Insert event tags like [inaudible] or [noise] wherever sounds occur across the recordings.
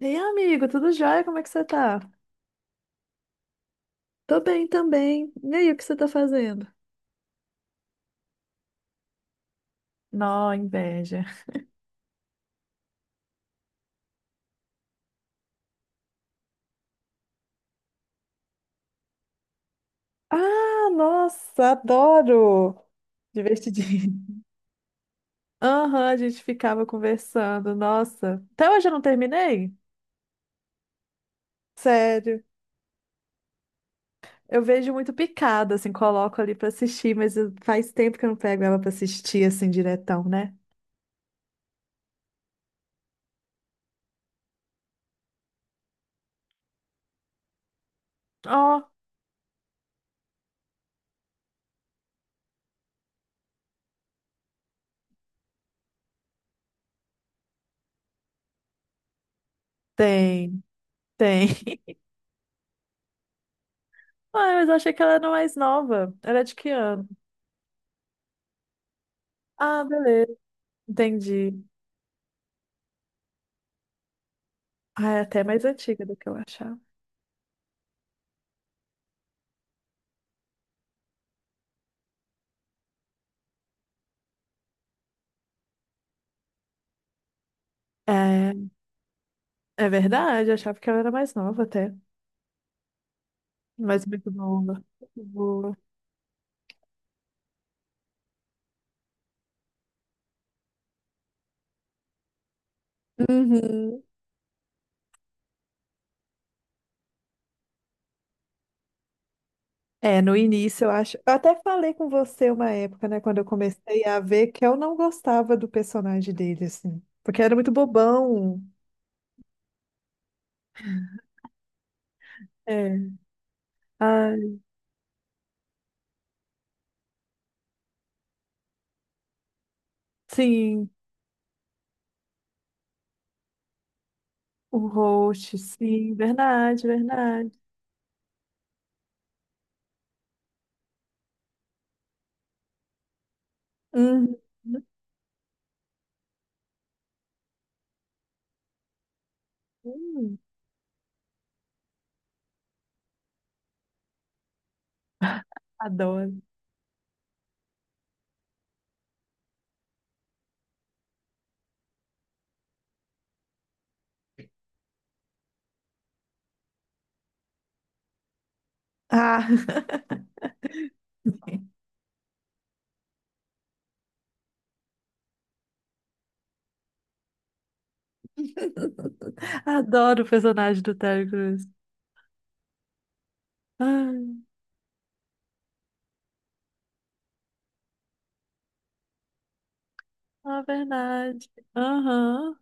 Ei, amigo, tudo jóia? Como é que você tá? Tô bem também. E aí, o que você tá fazendo? Nó, inveja. Ah, nossa, adoro! Divertidinho. [laughs] Aham, a gente ficava conversando. Nossa, até hoje eu não terminei. Sério. Eu vejo muito picada, assim, coloco ali pra assistir, mas faz tempo que eu não pego ela pra assistir, assim, diretão, né? Ó, tem, tem. [laughs] Ah, mas eu achei que ela era mais nova. Ela é de que ano? Ah, beleza, entendi. Ah, é até mais antiga do que eu achava. É, é verdade, eu achava que ela era mais nova até. Mas muito boa. Muito boa. Uhum. É, no início eu acho. Eu até falei com você uma época, né, quando eu comecei a ver que eu não gostava do personagem dele, assim. Porque era muito bobão. É. Ah, sim, o host, sim, verdade, verdade. Uhum. Hum, adoro. Ah. [laughs] [laughs] Adoro o personagem do Terry Crews. Ah, é verdade. Aham.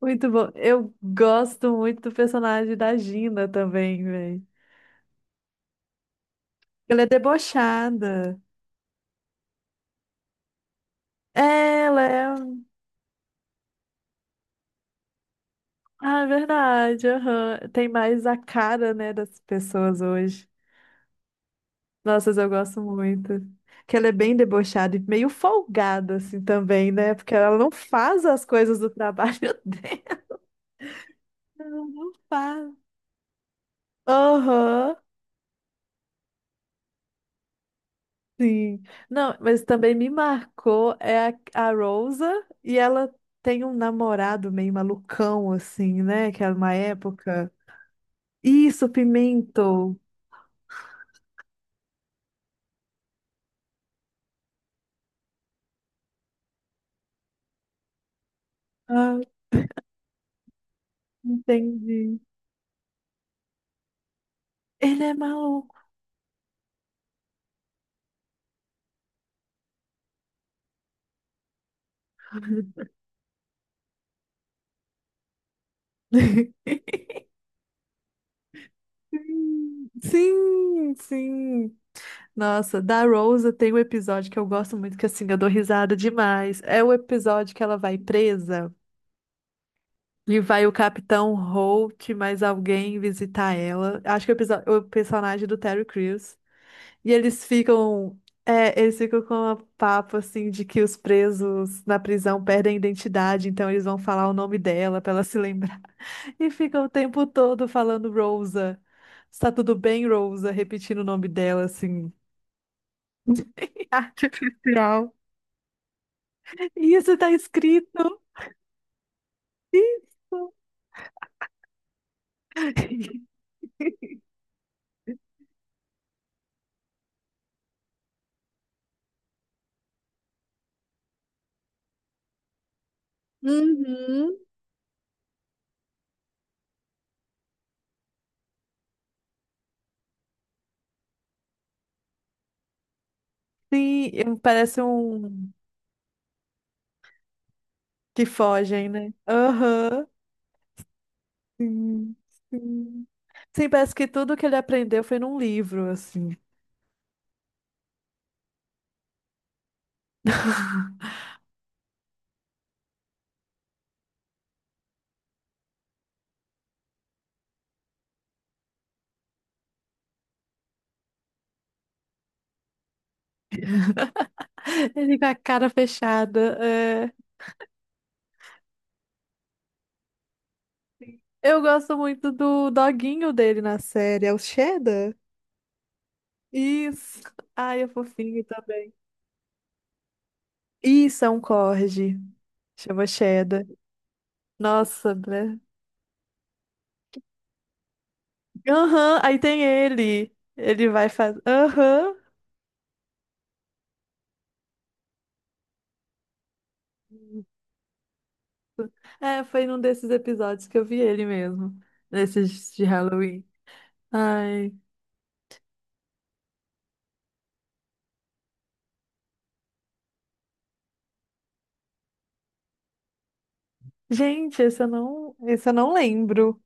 Muito bom. Eu gosto muito do personagem da Gina também, velho. Ela é debochada. É, Ela é. um, ah, é verdade, aham. Tem mais a cara, né, das pessoas hoje. Nossa, eu gosto muito. Que ela é bem debochada e meio folgada, assim, também, né? Porque ela não faz as coisas do trabalho [laughs] dela. Ela não faz. Aham, sim. Não, mas também me marcou é a Rosa e ela tem um namorado meio malucão, assim, né? Que era uma época. Isso, Pimento. Ah, entendi. Ele é maluco. [laughs] Sim, sim. Nossa, da Rosa tem um episódio que eu gosto muito, que assim, eu dou risada demais. É o episódio que ela vai presa. E vai o Capitão Holt, mais alguém visitar ela. Acho que é o personagem do Terry Crews. E eles ficam. É, eles ficam com uma papo assim de que os presos na prisão perdem a identidade, então eles vão falar o nome dela pra ela se lembrar. [laughs] E ficam o tempo todo falando Rosa. Está tudo bem, Rosa? Repetindo o nome dela, assim. [laughs] Artificial. Isso tá escrito. Isso. [laughs] Uhum. Parece um. Que fogem, né? Aham. Sim, sim. Sim, parece que tudo que ele aprendeu foi num livro, assim. [laughs] Ele com a cara fechada. É. Eu gosto muito do doguinho dele na série, é o Cheddar? Isso. Ai, é fofinho também. Isso, é um corgi. Chama Cheddar. Nossa, né? Aham, aí tem ele. Ele vai fazer. Aham. É, foi num desses episódios que eu vi ele mesmo. Nesses de Halloween. Ai. Gente, esse eu não lembro.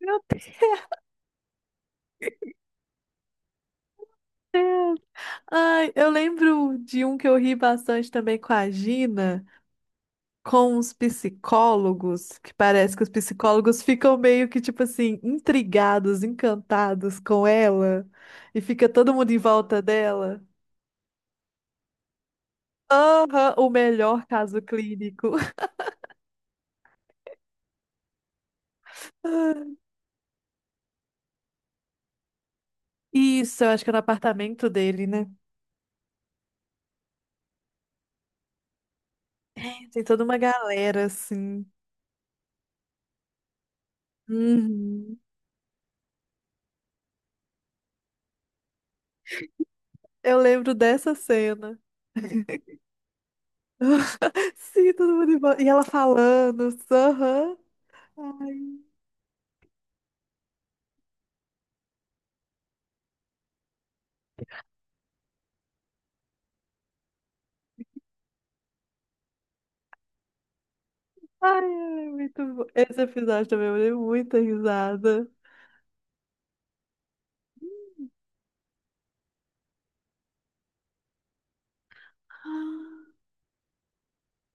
Meu Deus. Ai, eu lembro de um que eu ri bastante também com a Gina, com os psicólogos, que parece que os psicólogos ficam meio que, tipo assim, intrigados, encantados com ela, e fica todo mundo em volta dela. Aham, o melhor caso clínico. [laughs] Isso, eu acho que é no apartamento dele, né? Tem toda uma galera, assim. Uhum. Eu lembro dessa cena. [laughs] Sim, todo mundo embora. E ela falando, aham. Ai, ai, muito bom. Esse episódio também eu dei muita risada.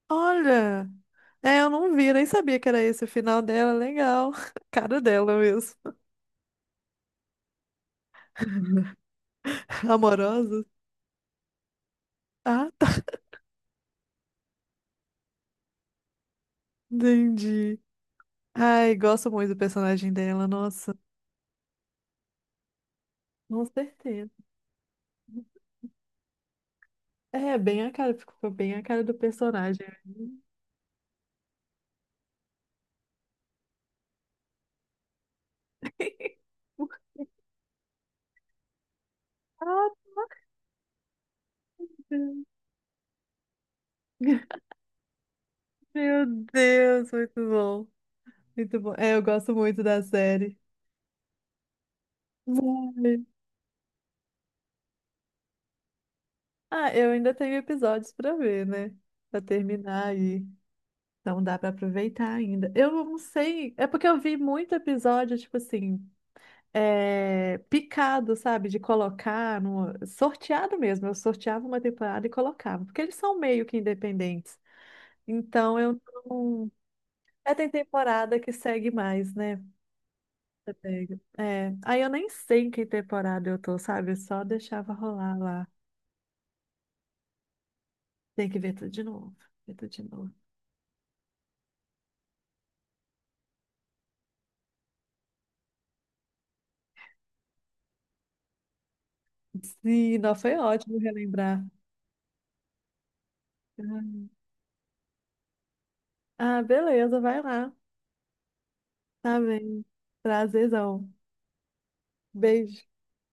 Olha, é, eu não vi, nem sabia que era esse o final dela. Legal. [laughs] Cara dela mesmo. [laughs] Amorosa. Ah, tá. Entendi. Ai, gosto muito do personagem dela, nossa. Com certeza. É, bem a cara, ficou bem a cara do personagem. [laughs] Obrigada. Meu Deus, muito bom. Muito bom. É, eu gosto muito da série. Vai. Ah, eu ainda tenho episódios pra ver, né? Pra terminar aí. Então dá pra aproveitar ainda. Eu não sei, é porque eu vi muito episódio, tipo assim, é, picado, sabe? De colocar no... sorteado mesmo. Eu sorteava uma temporada e colocava, porque eles são meio que independentes. Então eu não. É, tem temporada que segue mais, né? Você pega. É, aí eu nem sei em que temporada eu tô, sabe? Eu só deixava rolar lá. Tem que ver tudo de novo. Ver tudo de novo. Sim, não, foi ótimo relembrar. Ah, ah, beleza, vai lá. Tá bem. Prazerzão. Beijo.